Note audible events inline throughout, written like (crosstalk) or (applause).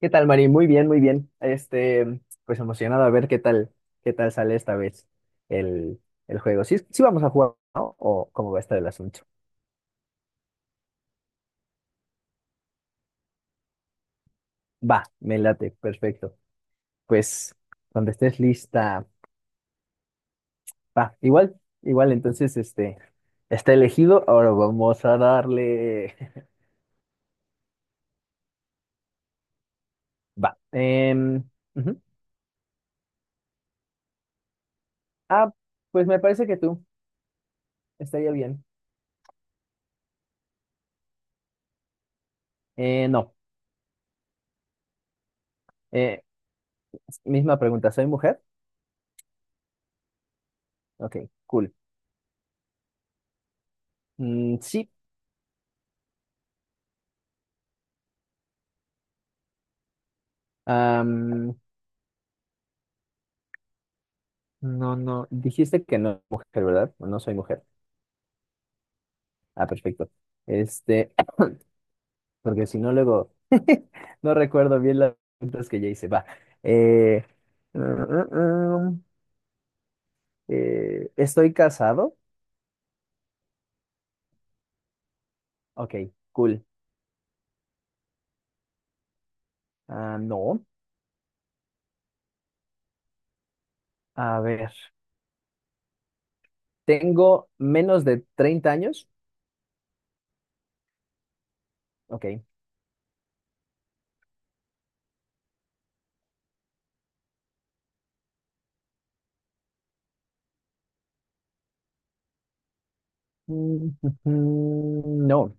¿Qué tal, Mari? Muy bien, muy bien. Pues emocionado a ver qué tal sale esta vez el, el juego. Sí, sí vamos a jugar, ¿no? ¿O cómo va a estar el asunto? Va, me late, perfecto. Pues cuando estés lista, va, igual, entonces, está elegido, ahora vamos a darle. (laughs) Va. Ujú. Ah, pues me parece que tú, estaría bien. No, eh, misma pregunta, ¿soy mujer? Ok, cool. Mm, sí. No, no, dijiste que no mujer, ¿verdad? No soy mujer. Ah, perfecto. Este, porque si no, luego (laughs) no recuerdo bien las preguntas que ya hice. Va. Eh, mm, mm, mm, ¿Estoy casado? Ok, cool. Ah, no. A ver. ¿Tengo menos de 30 años? Ok. Mm, No.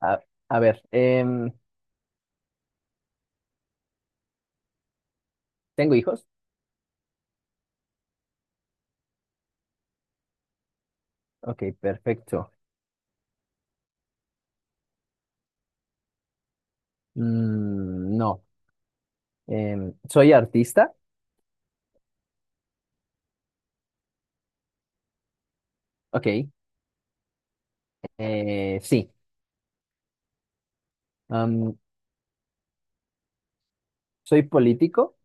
A, a ver. ¿Tengo hijos? Ok, perfecto. Mm, no. ¿Soy artista? Ok, sí. Am, ¿Soy político?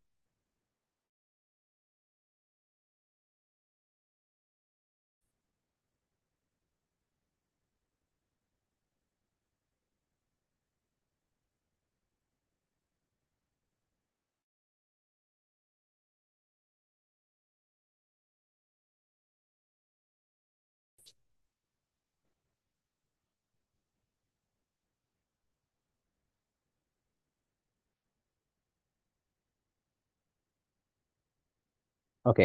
Ok,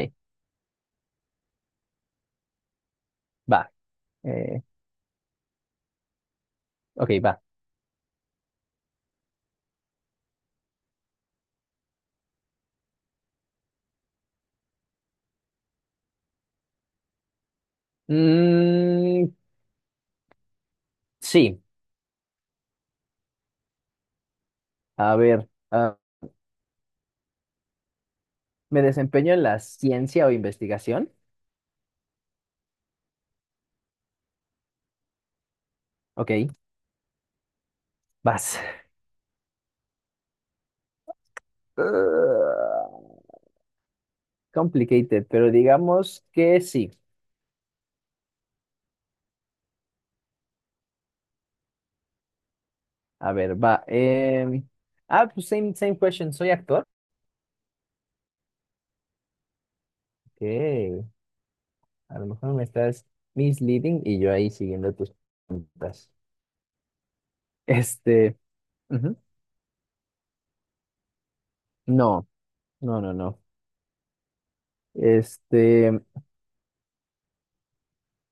va. eh, ok, va. Mm, sí, a ver. ¿Me desempeño en la ciencia o investigación? Ok, vas. (laughs) Ah, complicated, pero digamos que sí. A ver, va. Pues same question. ¿Soy actor? Ok, a lo mejor me estás misleading y yo ahí siguiendo tus preguntas. Este, ujú, No, no, no, no. Este,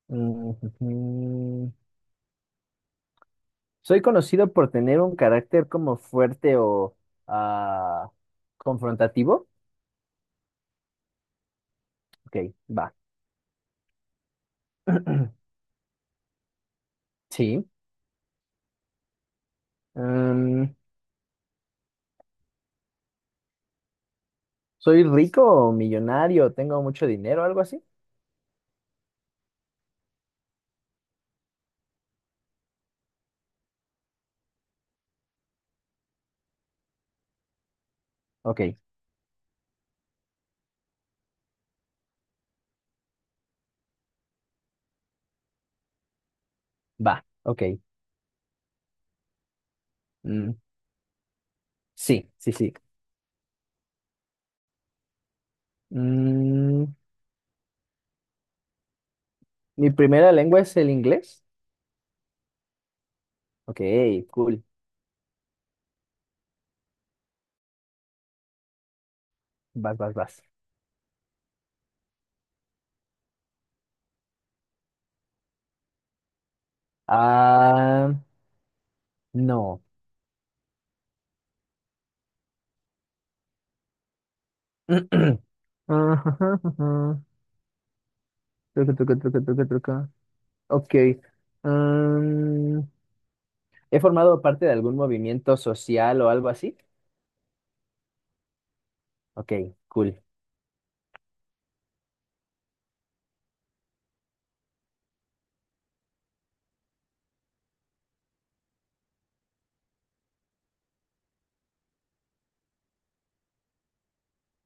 mm, soy conocido por tener un carácter como fuerte o ah, confrontativo. Ok, va. (clears throat) Sí. Mm, soy rico o millonario, tengo mucho dinero, o algo así. Ok, va. Ok. Mm, sí, sí, sí. Mm, mi primera lengua es el inglés. Ok, cool. Vas, vas, vas. Ah, no. (clears throat) (laughs) Truca, truca, truca, truca, truca. Ok. Mm, ¿he formado parte de algún movimiento social o algo así? Ok, cool.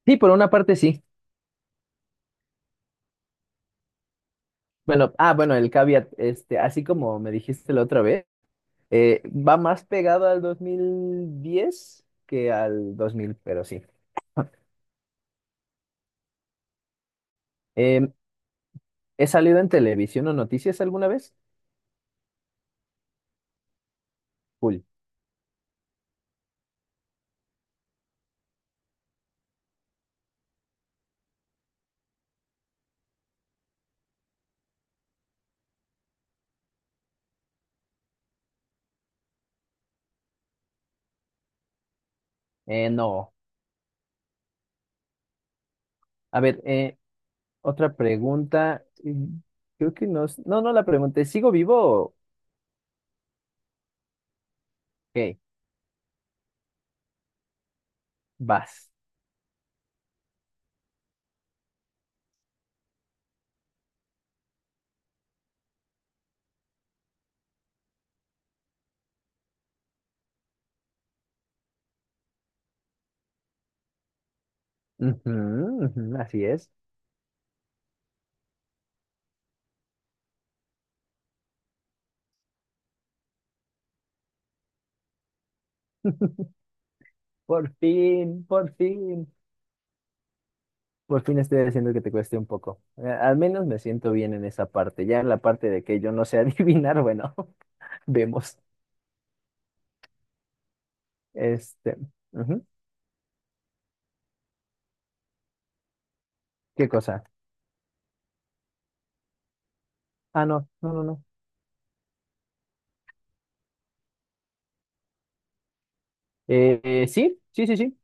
Sí, por una parte sí. Bueno, bueno, el caveat, este, así como me dijiste la otra vez, va más pegado al 2010 que al 2000, pero sí. Em, ¿He salido en televisión o noticias alguna vez? Cool. No. A ver, otra pregunta. Mm, Creo que no. No, no la pregunté. ¿Sigo vivo? o- Ok, vas. Ujú, ujú, así es. Por fin, por fin, por fin estoy haciendo que te cueste un poco. Al menos me siento bien en esa parte. Ya en la parte de que yo no sé (laughs) adivinar, bueno, (laughs) vemos. Este, ujú, ¿Qué cosa? Ah, no, no, no, no. Sí, sí, sí, sí.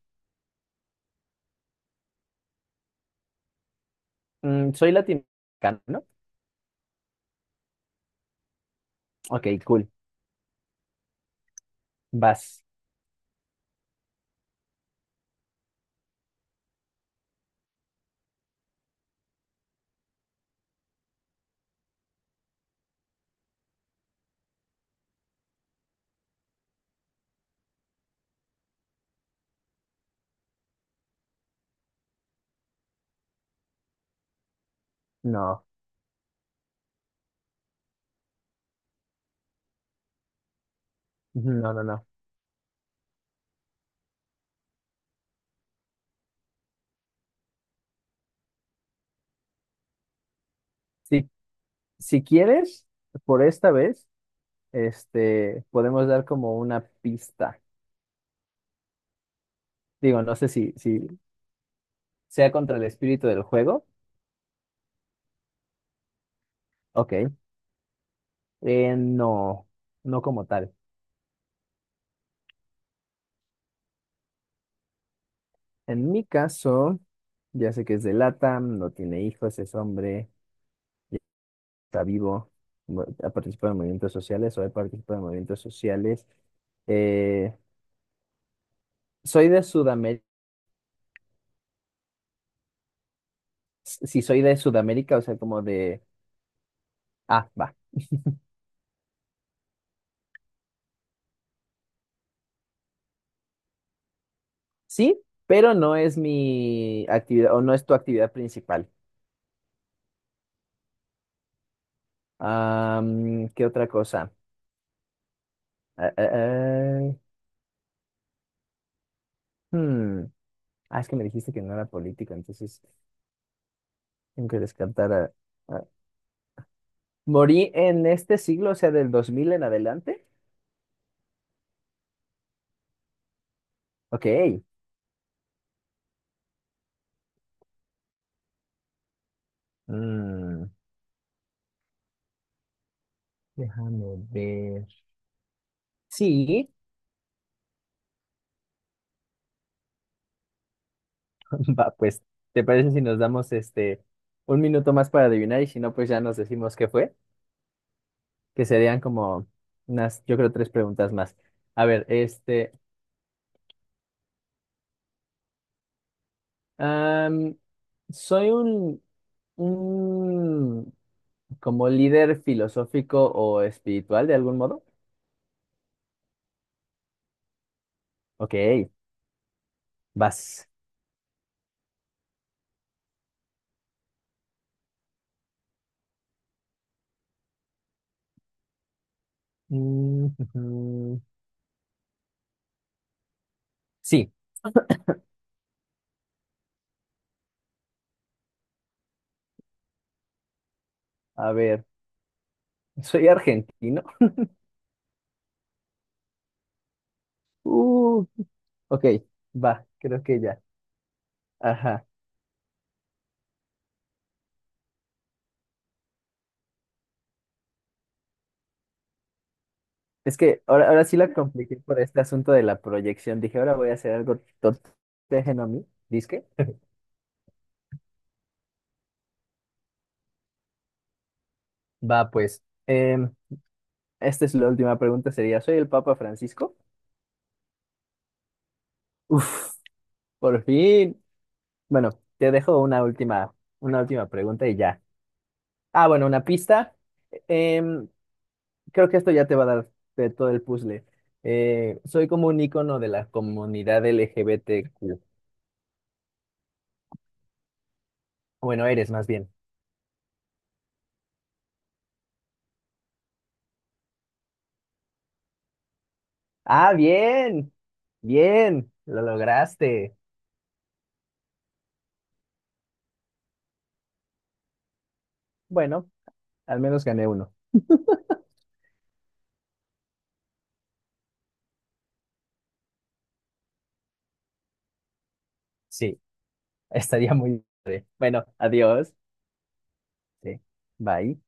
Mm, soy latinoamericano, ¿no? Ok, cool. Vas. No, no, no, no. Si, si quieres, por esta vez, podemos dar como una pista. Digo, no sé si, si, sea contra el espíritu del juego. Ok. No, no como tal. En mi caso, ya sé que es de LATAM, no tiene hijos, es hombre, ya está vivo, ha participado en movimientos sociales o he participado en movimientos sociales. Eh, soy de Sudamérica, si soy de Sudamérica, o sea, como de, va. Sí, pero no es mi actividad o no es tu actividad principal. ¿Qué otra cosa? Eh, eh, eh, hmm, Ah, es que me dijiste que no era político, entonces tengo que descartar a- ¿Morí en este siglo, o sea, del 2000 en adelante? Ok. Mm, déjame ver. Sí, (laughs) va, pues, ¿te parece si nos damos un minuto más para adivinar y si no, pues ya nos decimos qué fue? Que serían como unas, yo creo, tres preguntas más. A ver, este, am, soy un como líder filosófico o espiritual de algún modo. Ok, vas. Mm, ujú. Sí, a ver, soy argentino. Uh, ok, va, creo que ya. Ajá. Es que ahora sí la compliqué por este asunto de la proyección. Dije, ahora voy a hacer algo totéjeno a mí. ¿Disque? Va, pues. Esta es la última pregunta, sería, ¿soy el Papa Francisco? Uf, por fin. Bueno, te dejo una última pregunta y ya. Ah, bueno, una pista. Em, Creo que esto ya te va a dar de todo el puzzle. Soy como un icono de la comunidad LGBTQ. Bueno, eres más bien. Ah, bien, lo lograste. Bueno, al menos gané uno. Sí, (laughs) estaría muy bien. Bueno, adiós. Sí, bye.